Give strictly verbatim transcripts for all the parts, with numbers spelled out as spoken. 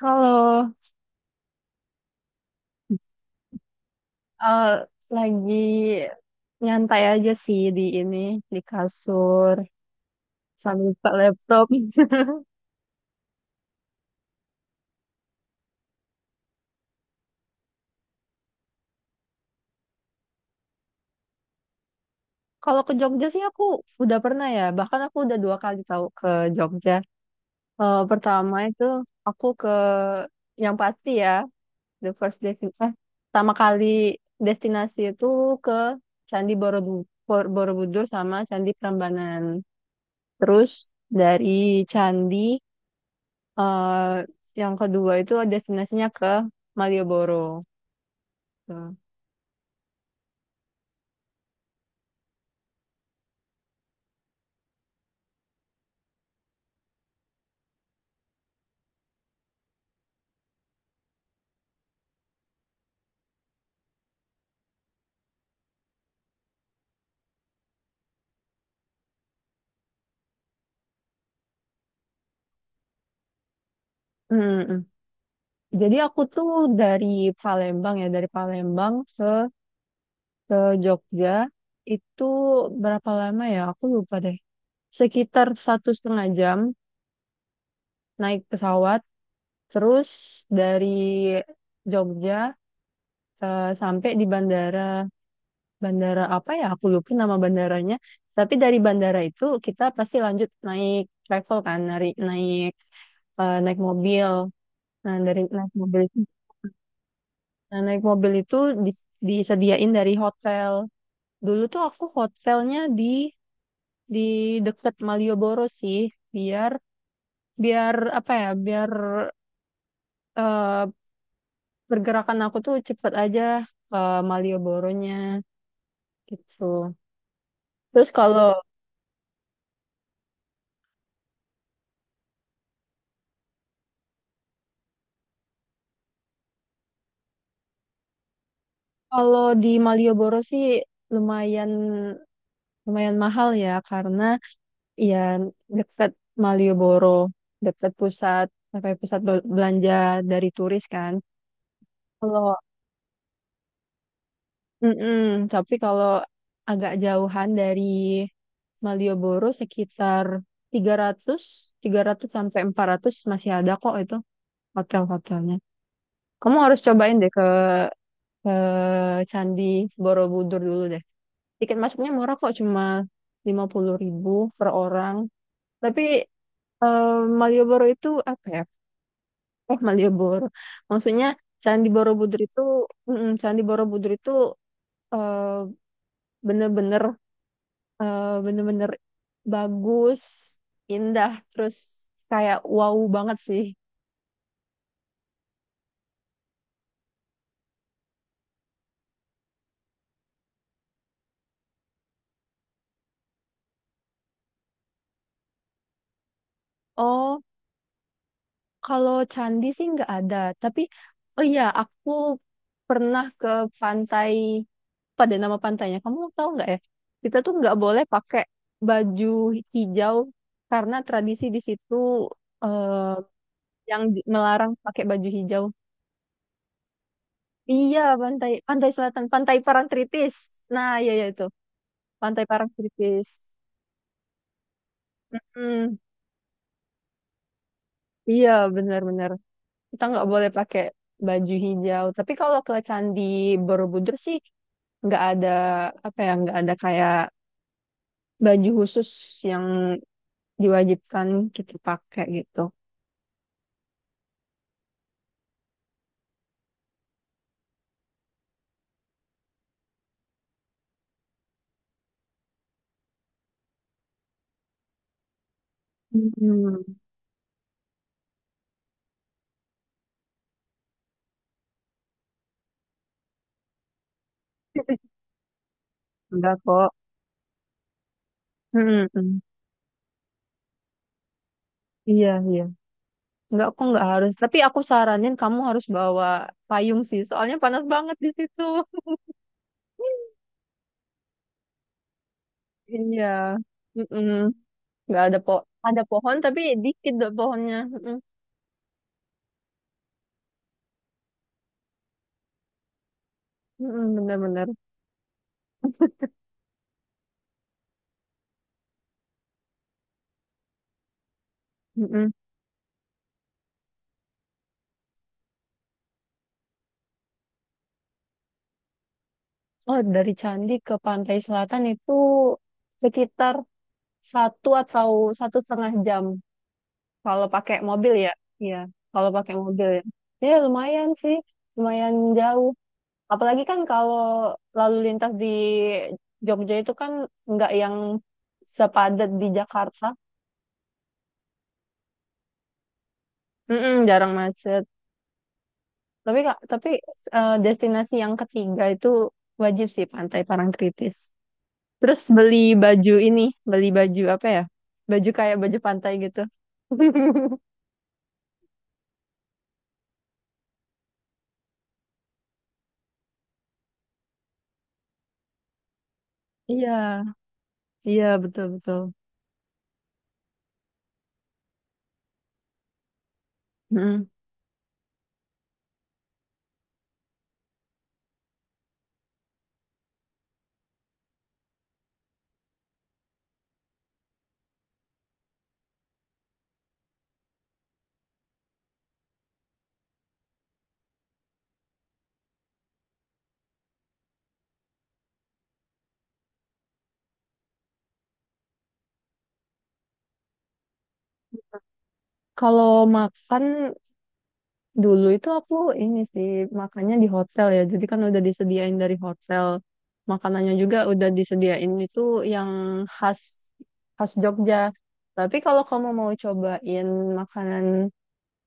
Halo, eh, lagi nyantai aja sih di ini, di kasur, sambil buka laptop. Kalau ke Jogja sih aku udah pernah ya, bahkan aku udah dua kali tahu ke Jogja. Eh, pertama itu aku ke yang pasti ya, the first destination, eh, pertama kali destinasi itu ke Candi Borobu- Bor- Borobudur sama Candi Prambanan. Terus dari Candi eh yang kedua itu destinasinya ke Malioboro. Tuh. Mm, mm. Jadi aku tuh dari Palembang ya, dari Palembang ke ke Jogja itu berapa lama ya? Aku lupa deh. Sekitar satu setengah jam naik pesawat, terus dari Jogja eh, sampai di bandara, bandara apa ya? Aku lupa nama bandaranya. Tapi dari bandara itu kita pasti lanjut naik travel kan, naik naik eh, naik mobil. Nah, dari naik mobil itu, nah, naik mobil itu dis- disediain dari hotel. Dulu tuh aku hotelnya di di deket Malioboro sih, biar biar apa ya, biar eh, pergerakan aku tuh cepet aja ke Malioboronya gitu. Terus kalau kalau di Malioboro sih lumayan lumayan mahal ya karena iya, dekat Malioboro, dekat pusat, sampai pusat bel- belanja dari turis kan. Kalau, mm tapi kalau agak jauhan dari Malioboro sekitar tiga ratus tiga ratus sampai empat ratus masih ada kok itu hotel-hotelnya. Kamu harus cobain deh ke, ke Candi Borobudur dulu deh. Tiket masuknya murah kok, cuma lima puluh ribu per orang. Tapi eh, Malioboro itu apa ya? Eh, Malioboro. Maksudnya Candi Borobudur itu, mm, Candi Borobudur itu eh, bener-bener eh, bener-bener bagus, indah, terus kayak wow banget sih. Oh, kalau candi sih nggak ada, tapi oh iya aku pernah ke pantai, pada nama pantainya, kamu tahu nggak ya? Kita tuh nggak boleh pakai baju hijau karena tradisi di situ eh, yang di- melarang pakai baju hijau. Iya, pantai pantai Selatan, Pantai Parangtritis. Nah, iya, iya itu, Pantai Parangtritis. Hmm, iya, benar-benar. Kita nggak boleh pakai baju hijau. Tapi kalau ke Candi Borobudur sih nggak ada apa ya, nggak ada kayak baju khusus yang diwajibkan kita pakai gitu. Hmm, enggak kok. Hmm, hmm. Iya, iya. Enggak kok nggak harus. Tapi aku saranin kamu harus bawa payung sih. Soalnya panas banget di situ. Iya. Mm-mm. Nggak ada po ada pohon tapi dikit do pohonnya. Mm-mm. Mm-mm, bener-bener. Mm-mm. Oh, dari Candi ke Pantai Selatan itu sekitar satu atau satu setengah jam kalau pakai mobil ya. Iya, kalau pakai mobil ya. Ya lumayan sih, lumayan jauh. Apalagi kan kalau lalu lintas di Jogja itu kan nggak yang sepadat di Jakarta. Mm-mm, jarang macet. Tapi Kak, tapi eh, destinasi yang ketiga itu wajib sih Pantai Parangtritis. Terus beli baju ini, beli baju apa ya? Baju kayak baju pantai gitu. Iya, iya betul betul. Mm. Kalau makan dulu itu aku ini sih makannya di hotel ya. Jadi kan udah disediain dari hotel. Makanannya juga udah disediain itu yang khas khas Jogja. Tapi kalau kamu mau cobain makanan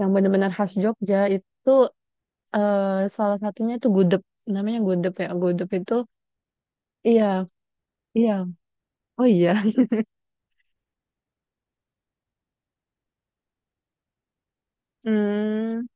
yang benar-benar khas Jogja itu eh, salah satunya itu gudeg namanya gudeg ya gudeg itu iya iya oh iya Hmm,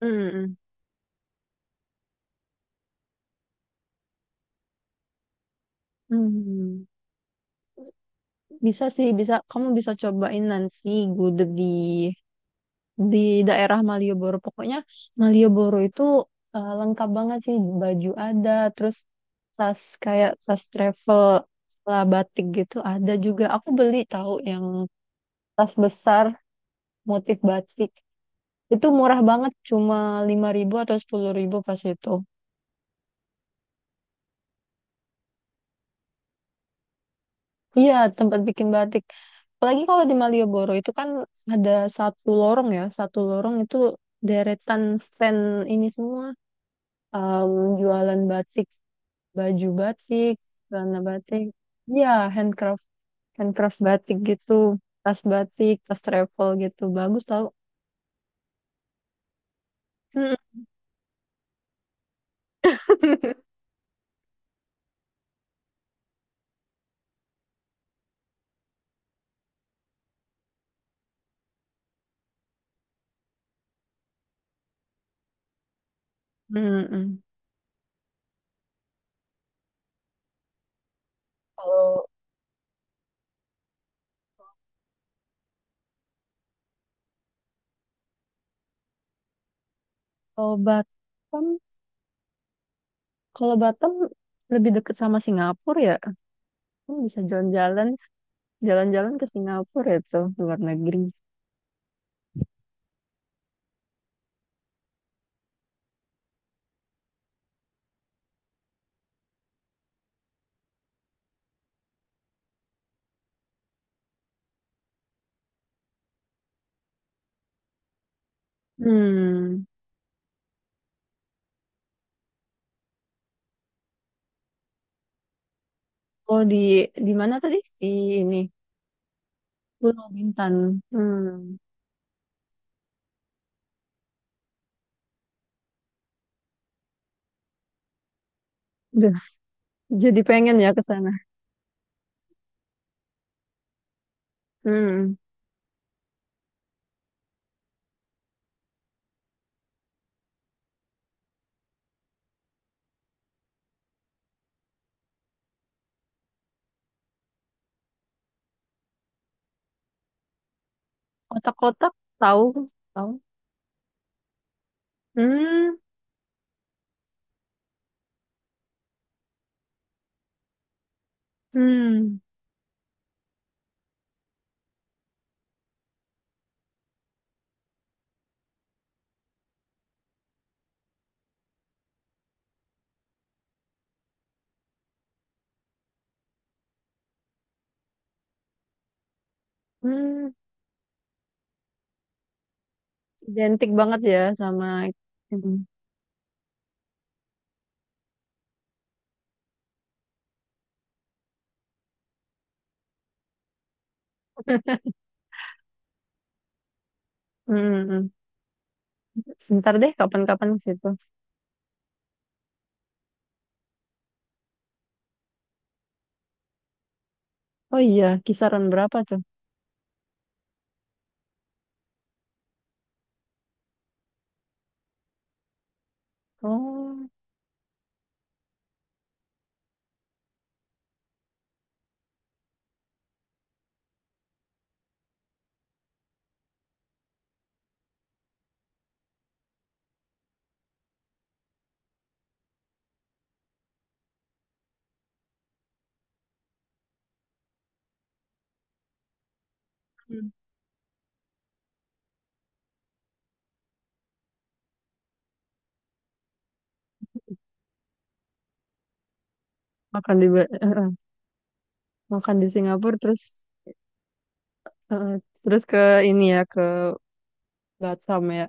hmm, Hmm, Bisa sih bisa kamu bisa cobain nanti gudeg di di daerah Malioboro pokoknya Malioboro itu eh, lengkap banget sih baju ada terus tas kayak tas travel lah batik gitu ada juga aku beli tahu yang tas besar motif batik. Itu murah banget, cuma lima ribu atau sepuluh ribu pas itu. Iya, tempat bikin batik. Apalagi kalau di Malioboro itu kan ada satu lorong ya, satu lorong itu deretan stand ini semua. Em, Jualan batik, baju batik, celana batik. Iya, handcraft, handcraft batik gitu, tas batik, tas travel gitu. Bagus tau. Mm. Mm-mm. Kalau kalau Batam, kalau Batam lebih dekat sama Singapura ya. Oh, bisa jalan-jalan, jalan-jalan ke Singapura itu luar negeri. Hmm, Oh, di di mana tadi? Di ini, Pulau Bintan. hmm, Duh, jadi pengen ya ke sana. hmm, Kotak-kotak tahu, tahu. hmm, hmm, Hmm, Identik banget ya sama ini. hmm, hmm. Bentar deh, kapan-kapan ke situ. Oh iya, kisaran berapa tuh? Oh, Hmm. makan di Ba- eh, Makan di Singapura terus eh, terus ke ini ya ke Batam ya.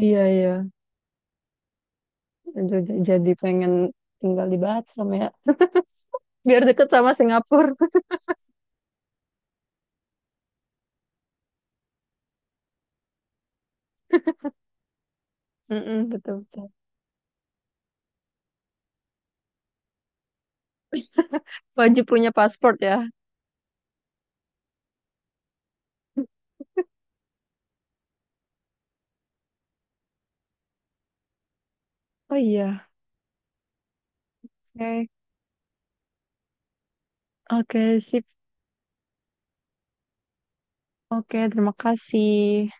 Iya, iya. Jadi, jadi pengen tinggal di Batam ya. Biar deket sama Singapura. Mm-mm, betul, betul. Wajib punya paspor ya. Oh iya. Oke. Oke, sip. Oke, terima kasih.